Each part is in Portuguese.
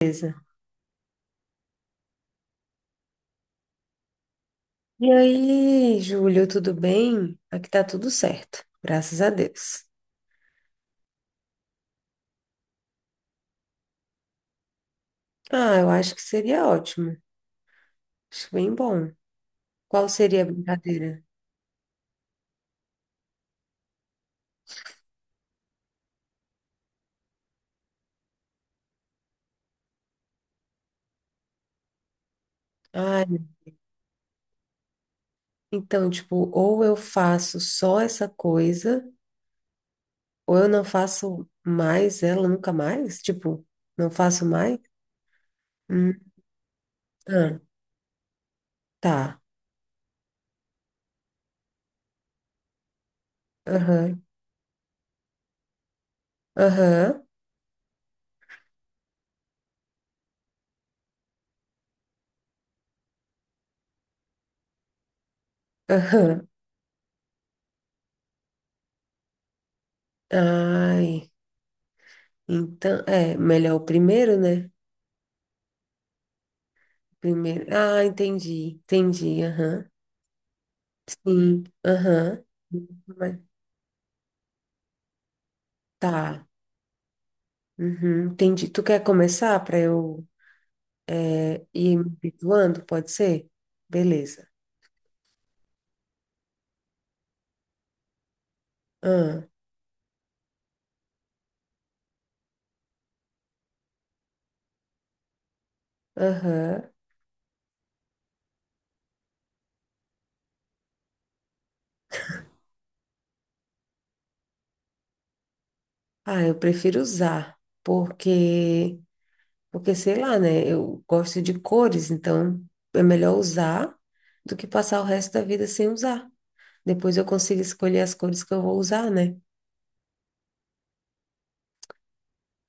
Beleza. E aí, Júlio, tudo bem? Aqui tá tudo certo, graças a Deus. Ah, eu acho que seria ótimo. Acho bem bom. Qual seria a brincadeira? Ah, então, tipo, ou eu faço só essa coisa, ou eu não faço mais ela nunca mais? Tipo, não faço mais? Hum, ah, tá. Aham, aham, aham. Ai, então, é, melhor o primeiro, né? Primeiro. Ah, entendi, entendi, aham. Sim, aham. Mas tá. Uhum, entendi. Tu quer começar para eu ir me habituando? Pode ser? Beleza. Ah, aham. Ah, eu prefiro usar, porque, porque sei lá, né? Eu gosto de cores, então é melhor usar do que passar o resto da vida sem usar. Depois eu consigo escolher as cores que eu vou usar, né?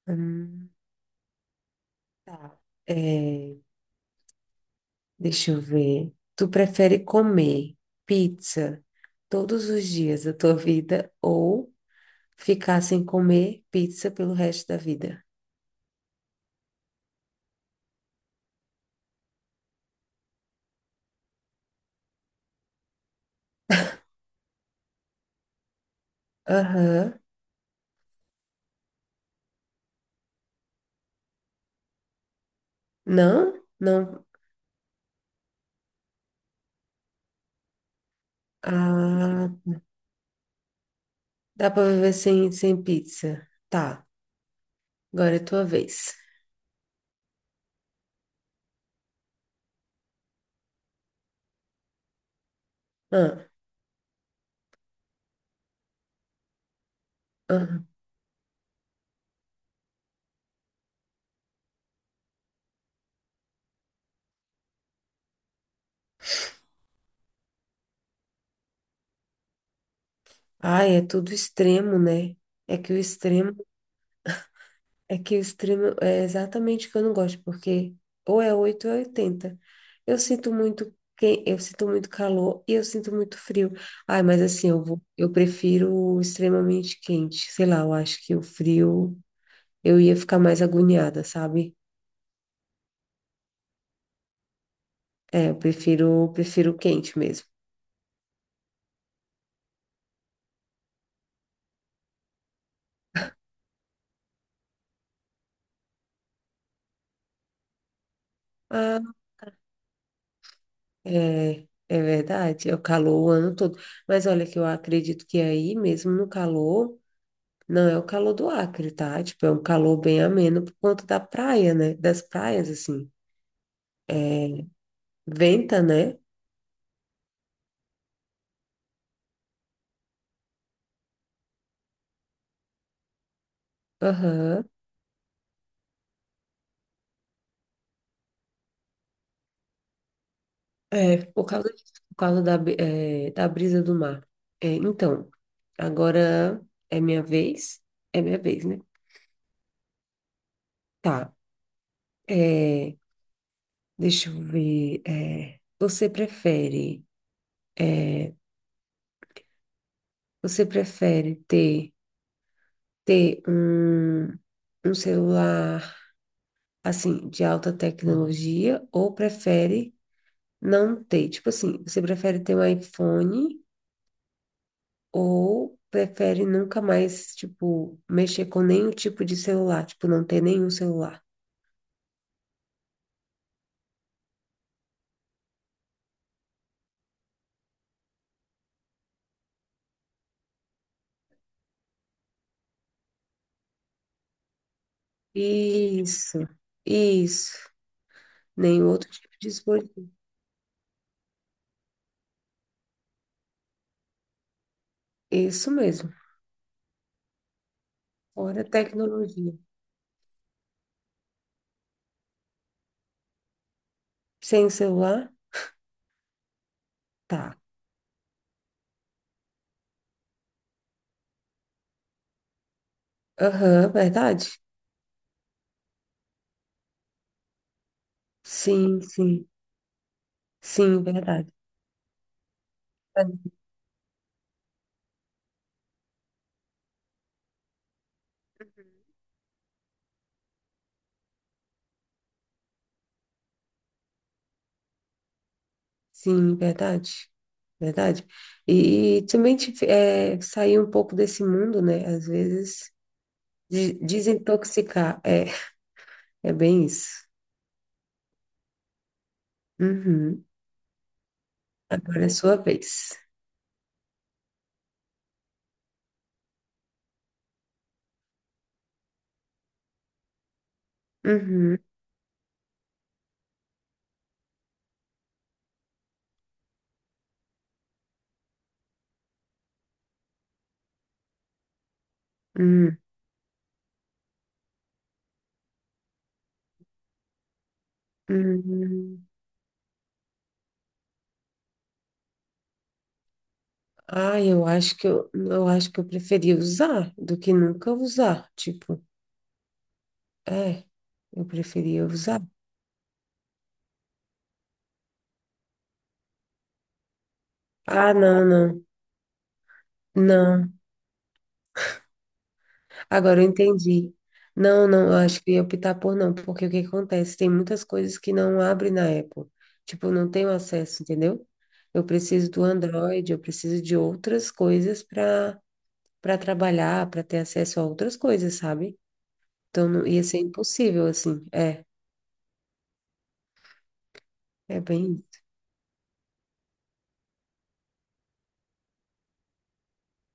Hum, tá. É, deixa eu ver. Tu prefere comer pizza todos os dias da tua vida ou ficar sem comer pizza pelo resto da vida? Aham. Não? Não. Ah, dá pra viver sem, sem pizza. Tá, agora é tua vez. Ah, ah. Ai, é tudo extremo, né? É que o extremo É que o extremo é exatamente o que eu não gosto, porque ou é 8 ou é 80. Eu sinto muito calor e eu sinto muito frio. Ai, mas assim, eu prefiro o extremamente quente. Sei lá, eu acho que o frio eu ia ficar mais agoniada, sabe? É, prefiro o quente mesmo. Ah, é, é verdade, é o calor o ano todo. Mas olha que eu acredito que aí mesmo no calor não é o calor do Acre, tá? Tipo, é um calor bem ameno por conta da praia, né? Das praias, assim. Venta, né? Aham. É, por causa disso, por causa da brisa do mar. É, então, agora é minha vez. É minha vez, né? Tá. É, deixa eu ver. É, é, você prefere ter um celular, assim, de alta tecnologia ou prefere não ter. Tipo assim, você prefere ter um iPhone ou prefere nunca mais, tipo, mexer com nenhum tipo de celular? Tipo, não ter nenhum celular. Isso, isso. Nenhum outro tipo de dispositivo. Isso mesmo. Fora tecnologia. Sem celular? Tá. Aham, verdade? Sim. Sim, verdade. Sim, verdade. Verdade. E também sair um pouco desse mundo, né? Às vezes. Desintoxicar. É, é bem isso. Uhum. Agora é sua vez. Uhum. Uhum. Uhum. Ah, eu acho que eu preferia usar do que nunca usar. Tipo, é, eu preferia usar. Ah, não. Agora eu entendi. Não, eu acho que eu ia optar por não, porque o que acontece? Tem muitas coisas que não abrem na Apple. Tipo, eu não tenho acesso, entendeu? Eu preciso do Android, eu preciso de outras coisas para trabalhar, para ter acesso a outras coisas, sabe? Então não ia ser impossível, assim. É, é bem.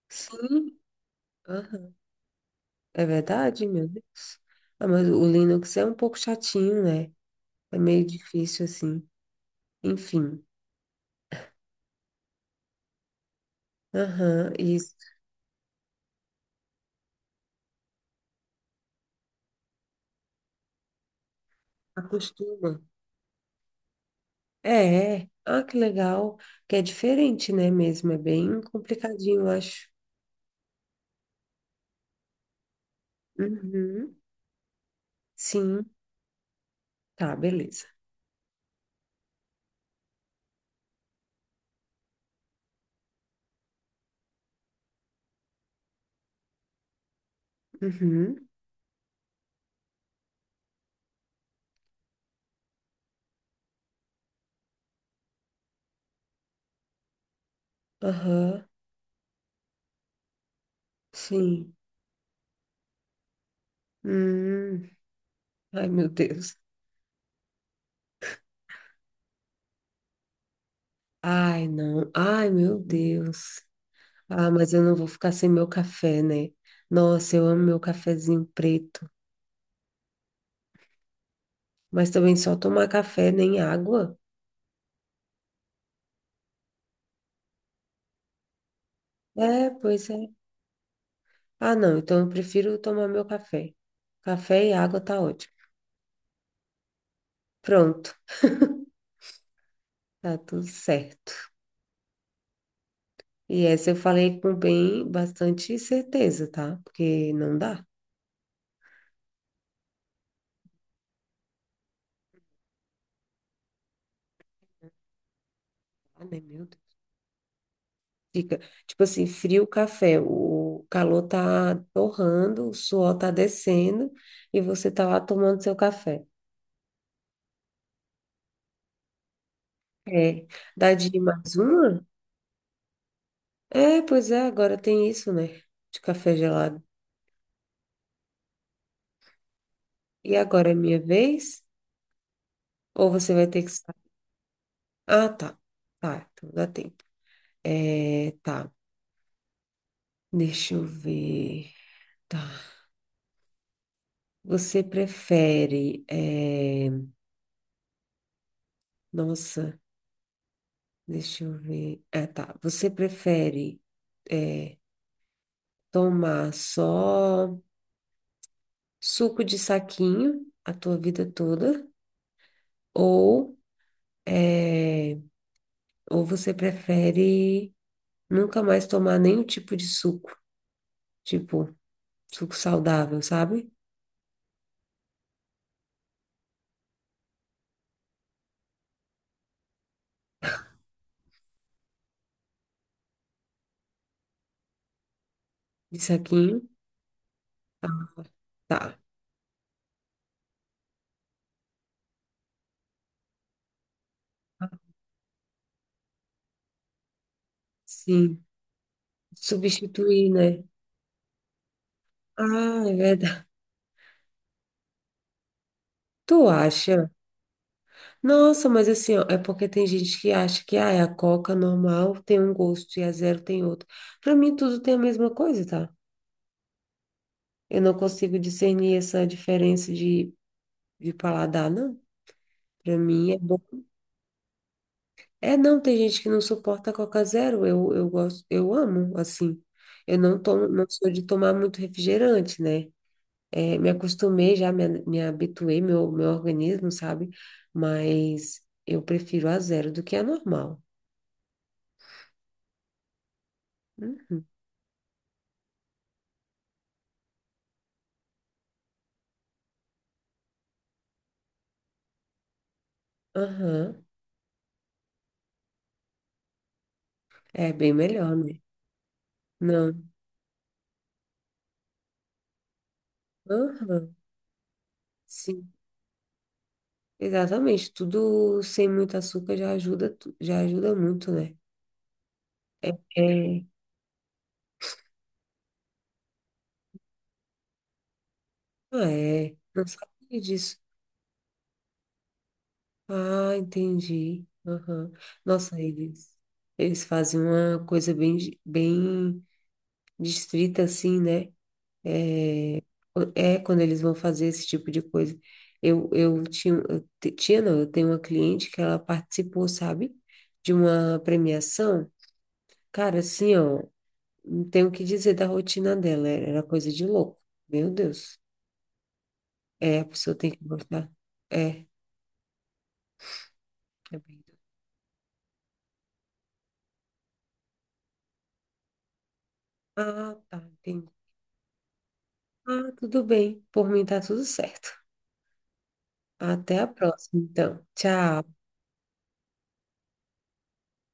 Sim, aham, é verdade, meu Deus. Ah, mas o Linux é um pouco chatinho, né? É meio difícil, assim. Enfim. Aham, isso. Acostuma. É, é. Ah, que legal. Que é diferente, né, mesmo? É bem complicadinho, eu acho. Uhum. Sim. Tá, beleza. Uhum. Aham. Sim. Hum. Ai, meu Deus. Ai, não. Ai, meu Deus. Ah, mas eu não vou ficar sem meu café, né? Nossa, eu amo meu cafezinho preto. Mas também só tomar café, nem água. É, pois é. Ah, não. Então eu prefiro tomar meu café. Café e água tá ótimo. Pronto, tá tudo certo. E essa eu falei com bem bastante certeza, tá? Porque não dá. Ah, né, meu Deus. Fica, tipo assim, frio o café, o calor tá torrando, o suor tá descendo e você tá lá tomando seu café. É, dá de mais uma? É, pois é, agora tem isso, né? De café gelado. E agora é minha vez? Ou você vai ter que sair? Ah, tá. Tá, então dá tempo. É, tá. Deixa eu ver. Tá. Você prefere. é, Nossa, deixa eu ver. Ah, tá. É, Tomar só suco de saquinho a tua vida toda, ou é, ou você prefere nunca mais tomar nenhum tipo de suco, tipo suco saudável, sabe? De saquinho, tá? Sim, substituir, né? Ah, é verdade. Tu acha? Nossa, mas assim, ó, é porque tem gente que acha que ah, é a Coca normal tem um gosto e a zero tem outro. Pra mim, tudo tem a mesma coisa, tá? Eu não consigo discernir essa diferença de paladar, não. Para mim é bom. É, não, tem gente que não suporta Coca Zero. Eu gosto, eu amo, assim. Eu não tomo, não sou de tomar muito refrigerante, né? É, me acostumei já, me habituei, meu organismo, sabe? Mas eu prefiro a zero do que a normal. Uhum. Aham. É bem melhor, né? Não. Aham. Sim. Exatamente. Tudo sem muito açúcar já ajuda, já ajuda muito, né? É. Ah, é. Não sabia disso. Ah, entendi. Aham. Nossa, eles fazem uma coisa bem distrita, assim, né? É quando eles vão fazer esse tipo de coisa. Eu tinha, eu te- tinha, não, eu tenho uma cliente que ela participou, sabe? De uma premiação. Cara, assim, ó, não tenho o que dizer da rotina dela. Era coisa de louco. Meu Deus. É, a pessoa tem que gostar. É, é bem. Ah, tá, entendi. Ah, tudo bem. Por mim tá tudo certo. Até a próxima, então. Tchau.